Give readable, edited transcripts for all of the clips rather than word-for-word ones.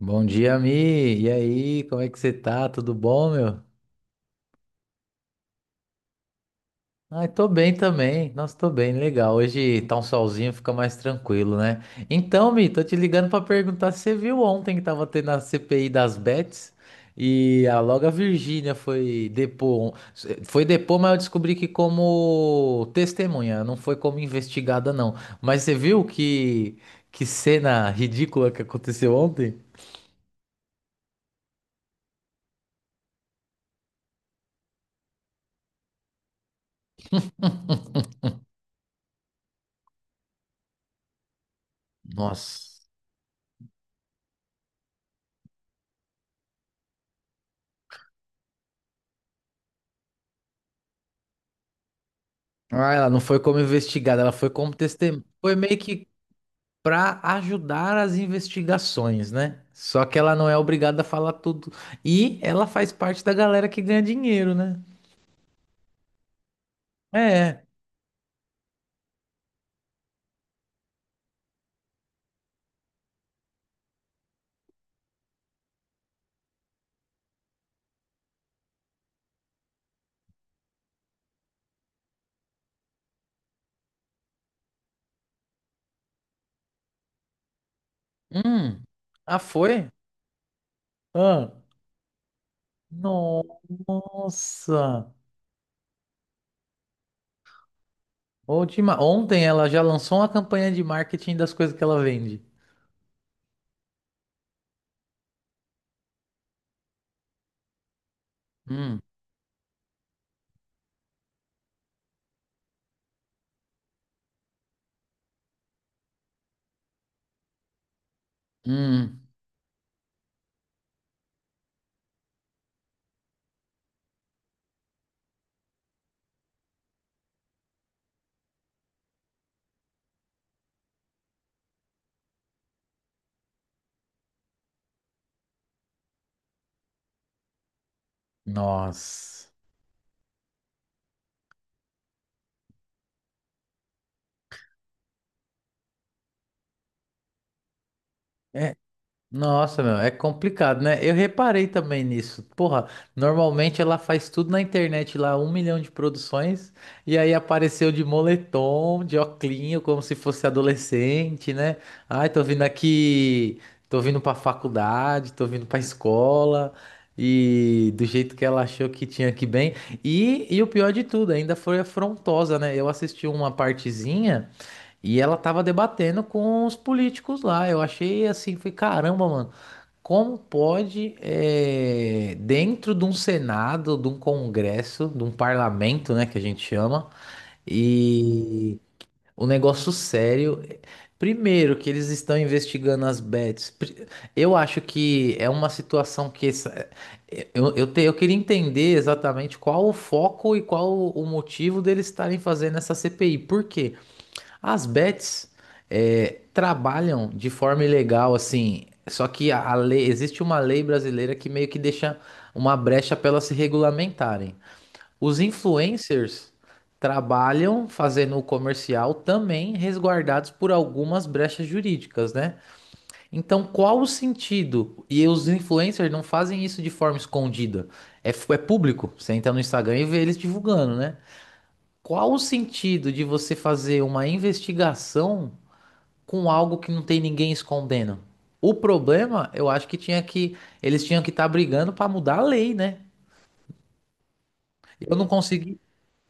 Bom dia, Mi. E aí, como é que você tá? Tudo bom, meu? Ai, tô bem também. Nossa, tô bem, legal. Hoje tá um solzinho, fica mais tranquilo, né? Então, Mi, tô te ligando pra perguntar se você viu ontem que tava tendo a CPI das bets e a loga Virgínia foi depor. Foi depor, mas eu descobri que como testemunha, não foi como investigada, não. Mas você viu que cena ridícula que aconteceu ontem? Nossa. Ah, ela não foi como investigada, ela foi como testemunha. Foi meio que para ajudar as investigações, né? Só que ela não é obrigada a falar tudo. E ela faz parte da galera que ganha dinheiro, né? É. Hum. Ah, foi? Ah. Nossa. Última... Ontem ela já lançou uma campanha de marketing das coisas que ela vende. Hum. Hum. Nossa. É. Nossa, meu, é complicado, né? Eu reparei também nisso. Porra, normalmente ela faz tudo na internet lá, um milhão de produções, e aí apareceu de moletom, de oclinho, como se fosse adolescente, né? Ai, tô vindo aqui, tô vindo pra faculdade, tô vindo pra escola, e do jeito que ela achou que tinha que bem. E o pior de tudo, ainda foi afrontosa, né? Eu assisti uma partezinha e ela tava debatendo com os políticos lá. Eu achei assim, foi caramba, mano. Como pode, dentro de um Senado, de um Congresso, de um parlamento, né, que a gente chama, e o negócio sério. Primeiro, que eles estão investigando as bets. Eu acho que é uma situação eu queria entender exatamente qual o foco e qual o motivo deles estarem fazendo essa CPI. Por quê? As bets trabalham de forma ilegal, assim. Só que a lei, existe uma lei brasileira que meio que deixa uma brecha para elas se regulamentarem. Os influencers trabalham fazendo o comercial também resguardados por algumas brechas jurídicas, né? Então, qual o sentido? E os influencers não fazem isso de forma escondida. É, é público. Você entra no Instagram e vê eles divulgando, né? Qual o sentido de você fazer uma investigação com algo que não tem ninguém escondendo? O problema, eu acho que eles tinham que estar brigando para mudar a lei, né? Eu não consegui,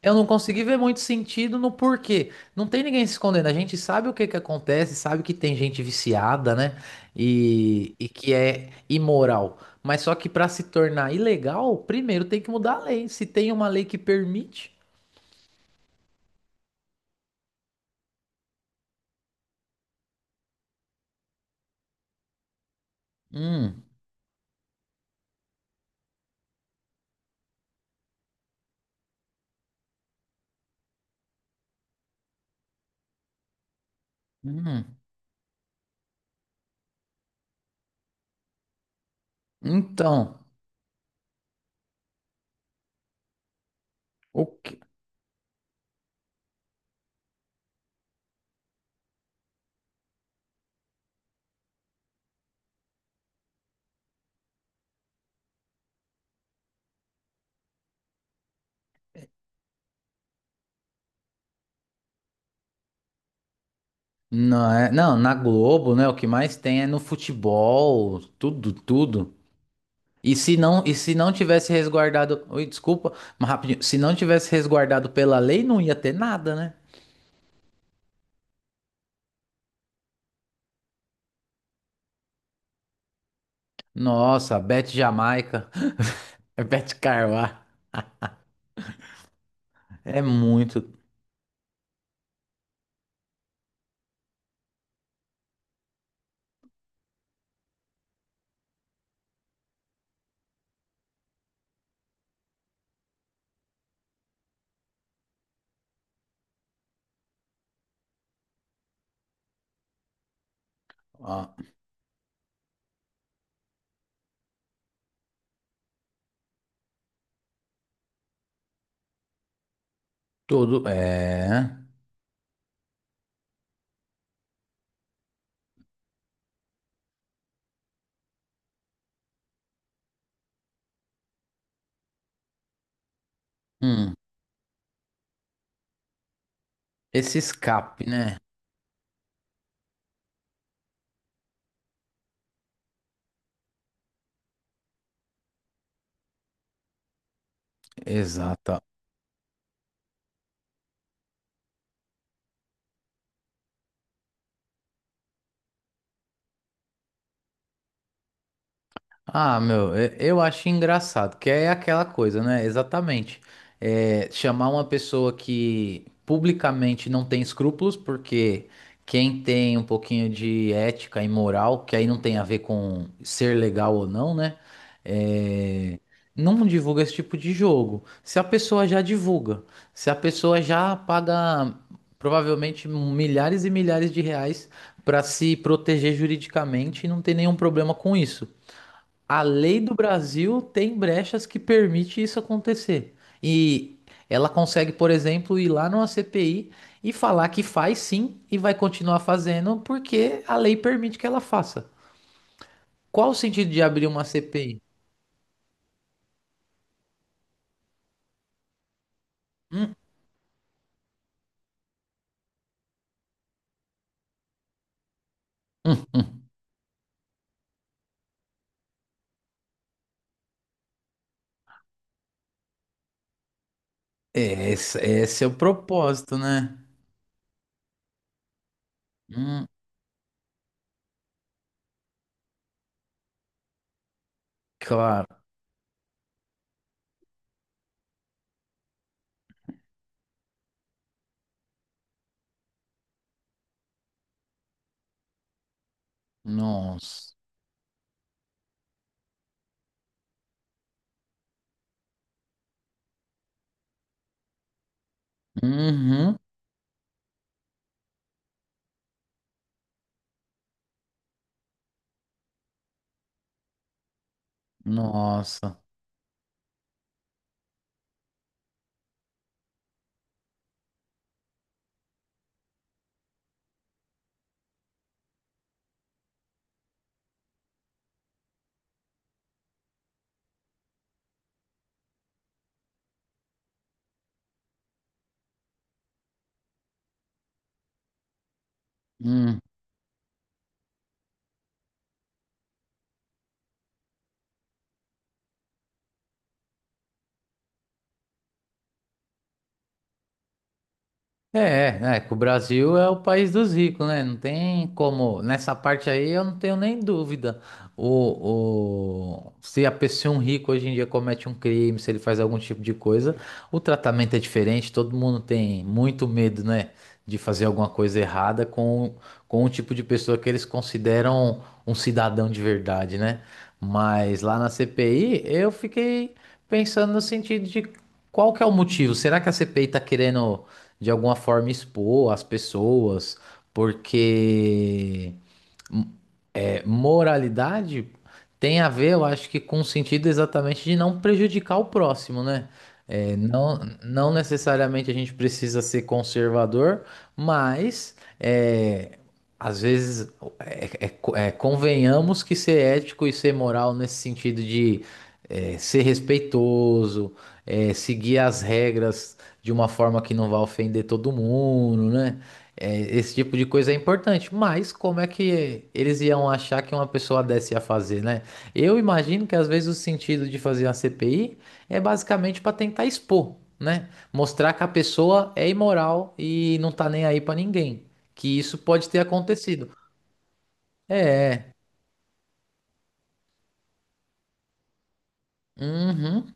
eu não consegui ver muito sentido no porquê. Não tem ninguém se escondendo. A gente sabe o que que acontece, sabe que tem gente viciada, né? E que é imoral. Mas só que para se tornar ilegal, primeiro tem que mudar a lei. Se tem uma lei que permite, hum, hum. Então, o que não, não, na Globo, né? O que mais tem é no futebol, tudo, tudo. E se não tivesse resguardado, oi, desculpa, mas rapidinho, se não tivesse resguardado pela lei, não ia ter nada, né? Nossa, Beth Jamaica, Beth Carwá, é muito, ó, tudo, é, hum, esse escape, né? Exato. Ah, meu, eu acho engraçado, que é aquela coisa, né? Exatamente. É, chamar uma pessoa que publicamente não tem escrúpulos, porque quem tem um pouquinho de ética e moral, que aí não tem a ver com ser legal ou não, né? É, não divulga esse tipo de jogo. Se a pessoa já divulga, se a pessoa já paga provavelmente milhares e milhares de reais para se proteger juridicamente e não tem nenhum problema com isso. A lei do Brasil tem brechas que permite isso acontecer. E ela consegue, por exemplo, ir lá numa CPI e falar que faz sim e vai continuar fazendo porque a lei permite que ela faça. Qual o sentido de abrir uma CPI? Hum, é, esse é o propósito, né? Hum, claro. Nossa. Uhum. Nossa. Hum. Que o Brasil é o país dos ricos, né? Não tem como. Nessa parte aí eu não tenho nem dúvida. Se a pessoa, um rico hoje em dia comete um crime, se ele faz algum tipo de coisa, o tratamento é diferente. Todo mundo tem muito medo, né? De fazer alguma coisa errada com o tipo de pessoa que eles consideram um cidadão de verdade, né? Mas lá na CPI eu fiquei pensando no sentido de qual que é o motivo? Será que a CPI está querendo de alguma forma expor as pessoas, porque é, moralidade tem a ver, eu acho, que com o sentido exatamente de não prejudicar o próximo, né? É, não necessariamente a gente precisa ser conservador, mas é, às vezes é, convenhamos que ser ético e ser moral nesse sentido de é, ser respeitoso, é, seguir as regras de uma forma que não vá ofender todo mundo, né? É, esse tipo de coisa é importante, mas como é que eles iam achar que uma pessoa dessa ia fazer, né? Eu imagino que às vezes o sentido de fazer uma CPI é basicamente para tentar expor, né? Mostrar que a pessoa é imoral e não tá nem aí para ninguém, que isso pode ter acontecido. Uhum,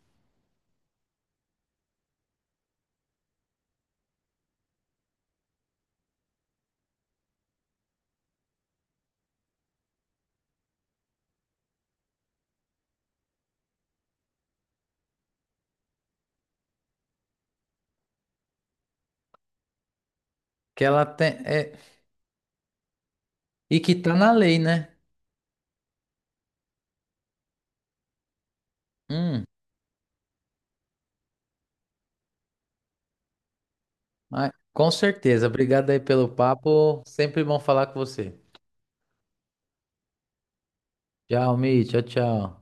que ela tem, é, e que tá na lei, né? Hum, mas- com certeza. Obrigado aí pelo papo. Sempre bom falar com você. Tchau, Mi. Tchau, tchau.